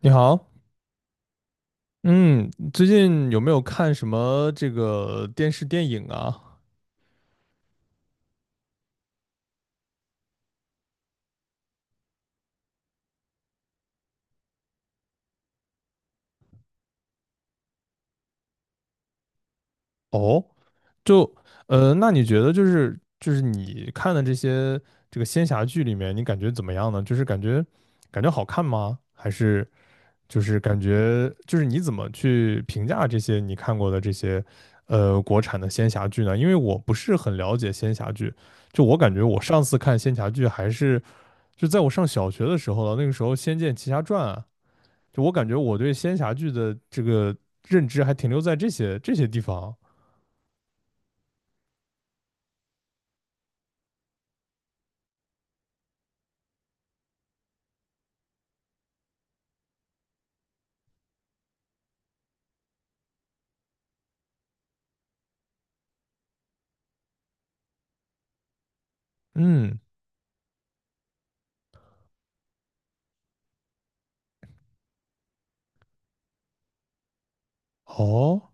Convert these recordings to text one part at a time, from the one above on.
你好。嗯，最近有没有看什么这个电视电影啊？哦，就那你觉得就是你看的这些这个仙侠剧里面，你感觉怎么样呢？就是感觉，感觉好看吗？还是就是感觉就是你怎么去评价这些你看过的这些国产的仙侠剧呢？因为我不是很了解仙侠剧，就我感觉我上次看仙侠剧还是就在我上小学的时候了，那个时候《仙剑奇侠传》啊。就我感觉我对仙侠剧的这个认知还停留在这些地方。嗯，哦。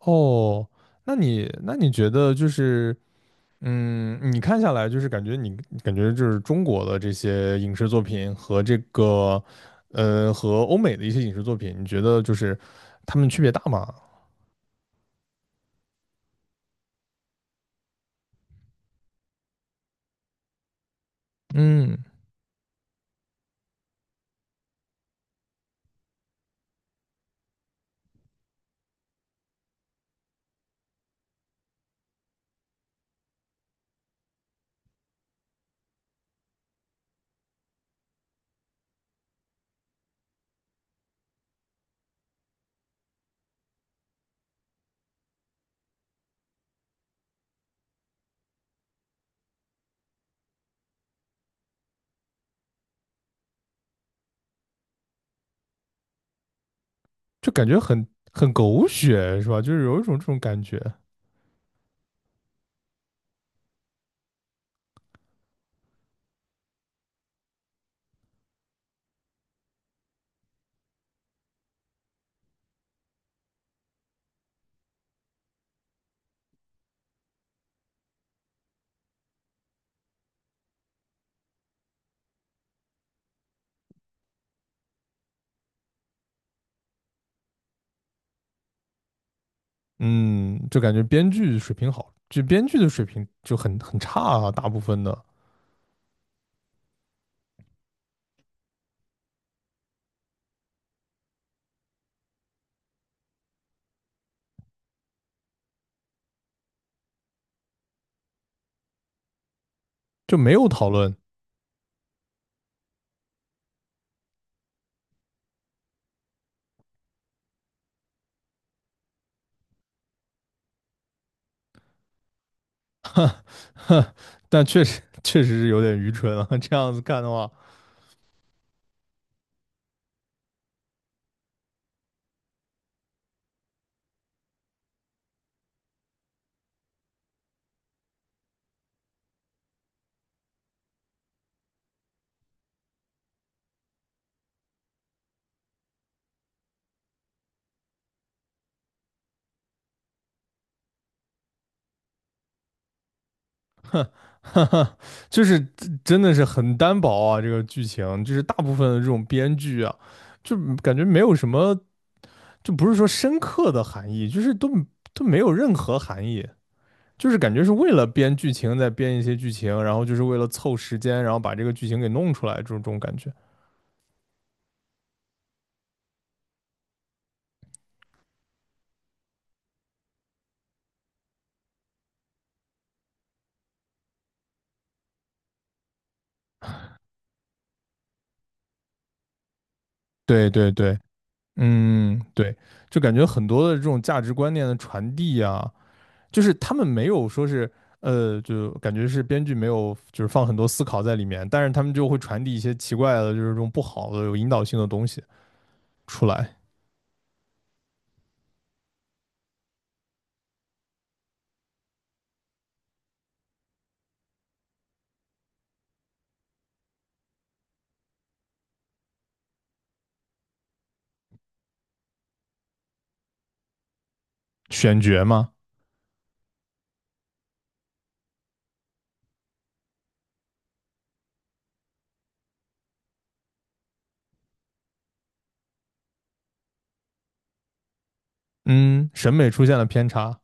哦，那你觉得就是，嗯，你看下来就是感觉你感觉就是中国的这些影视作品和这个和欧美的一些影视作品，你觉得就是他们区别大吗？嗯，就感觉很狗血是吧？就是有一种这种感觉。嗯，就感觉编剧水平好，就编剧的水平就很差啊，大部分的就没有讨论。哈哈，但确实是有点愚蠢啊，这样子看的话。哈哈哈，就是真真的是很单薄啊，这个剧情就是大部分的这种编剧啊，就感觉没有什么，就不是说深刻的含义，就是都没有任何含义。就是感觉是为了编剧情再编一些剧情，然后就是为了凑时间，然后把这个剧情给弄出来，这种这种感觉。对对对，嗯，对，就感觉很多的这种价值观念的传递啊，就是他们没有说是，呃，就感觉是编剧没有就是放很多思考在里面，但是他们就会传递一些奇怪的，就是这种不好的有引导性的东西出来。选角嘛，嗯，审美出现了偏差。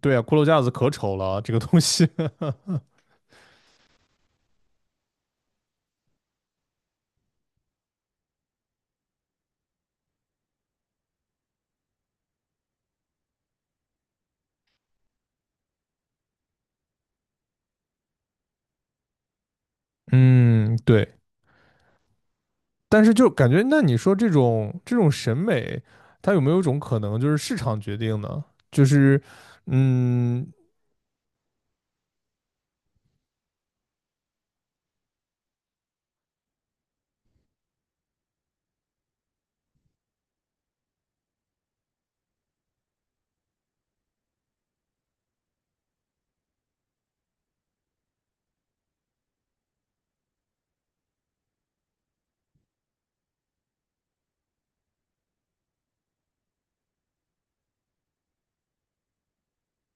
对啊，骷髅架子可丑了，这个东西。嗯，对。但是就感觉，那你说这种这种审美，它有没有一种可能就是市场决定呢？就是，嗯。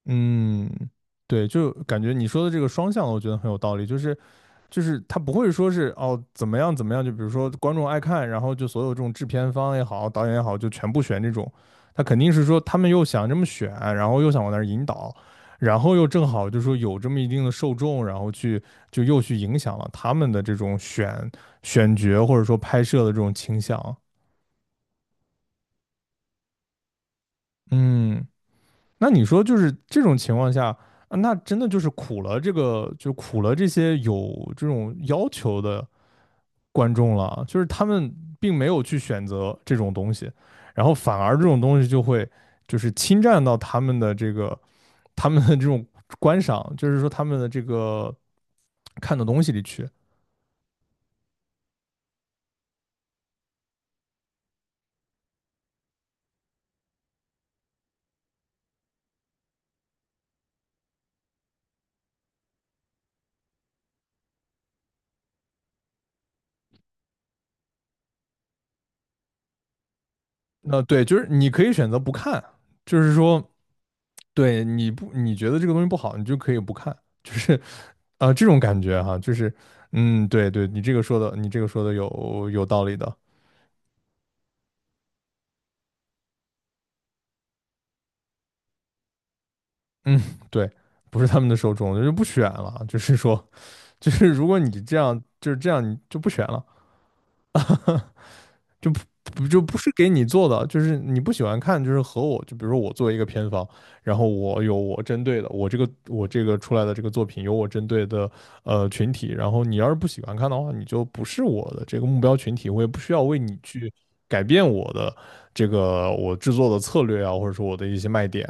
嗯，对，就感觉你说的这个双向的，我觉得很有道理，就是。就是他不会说是哦怎么样怎么样，就比如说观众爱看，然后就所有这种制片方也好，导演也好，就全部选这种。他肯定是说他们又想这么选，然后又想往那儿引导，然后又正好就说有这么一定的受众，然后去就又去影响了他们的这种选，选角或者说拍摄的这种倾向。嗯，那你说就是这种情况下，啊那真的就是苦了这个，就苦了这些有这种要求的观众了，就是他们并没有去选择这种东西，然后反而这种东西就会就是侵占到他们的这种观赏，就是说他们的这个看的东西里去。那对，就是你可以选择不看，就是说对你，不，你觉得这个东西不好，你就可以不看，就是啊这种感觉哈、啊就是嗯对对，你这个说的有有道理的，嗯对，不是他们的受众，就不选了，就是说。 就是如果你这样就是这样，你就不选了，就不，不就不是给你做的，就是你不喜欢看，就是和我就比如说我做一个片方，然后我有我针对的，我这个出来的这个作品有我针对的群体，然后你要是不喜欢看的话，你就不是我的这个目标群体，我也不需要为你去改变我的这个我制作的策略啊，或者说我的一些卖点，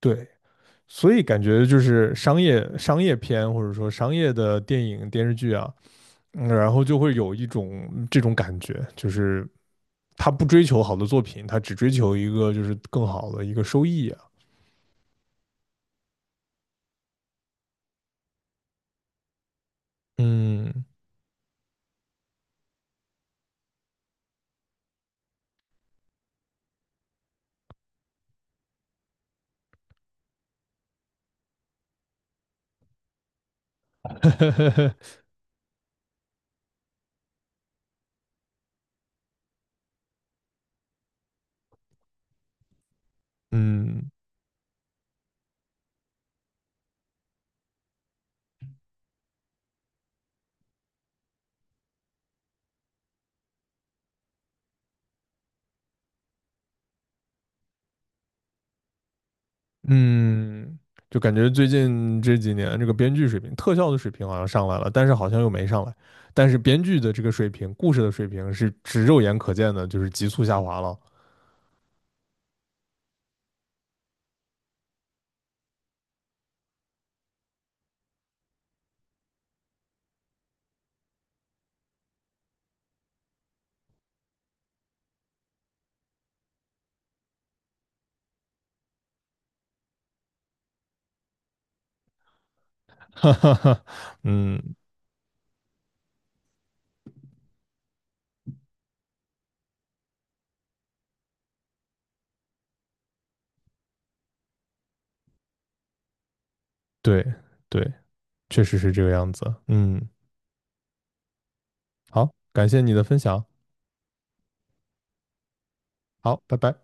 对。所以感觉就是商业片，或者说商业的电影电视剧啊，嗯然后就会有一种这种感觉，就是他不追求好的作品，他只追求一个就是更好的一个收益啊。嗯 嗯嗯，就感觉最近这几年这个编剧水平、特效的水平好像上来了，但是好像又没上来。但是编剧的这个水平、故事的水平是只肉眼可见的，就是急速下滑了。哈哈哈，嗯，对对，确实是这个样子。嗯，好，感谢你的分享，好，拜拜。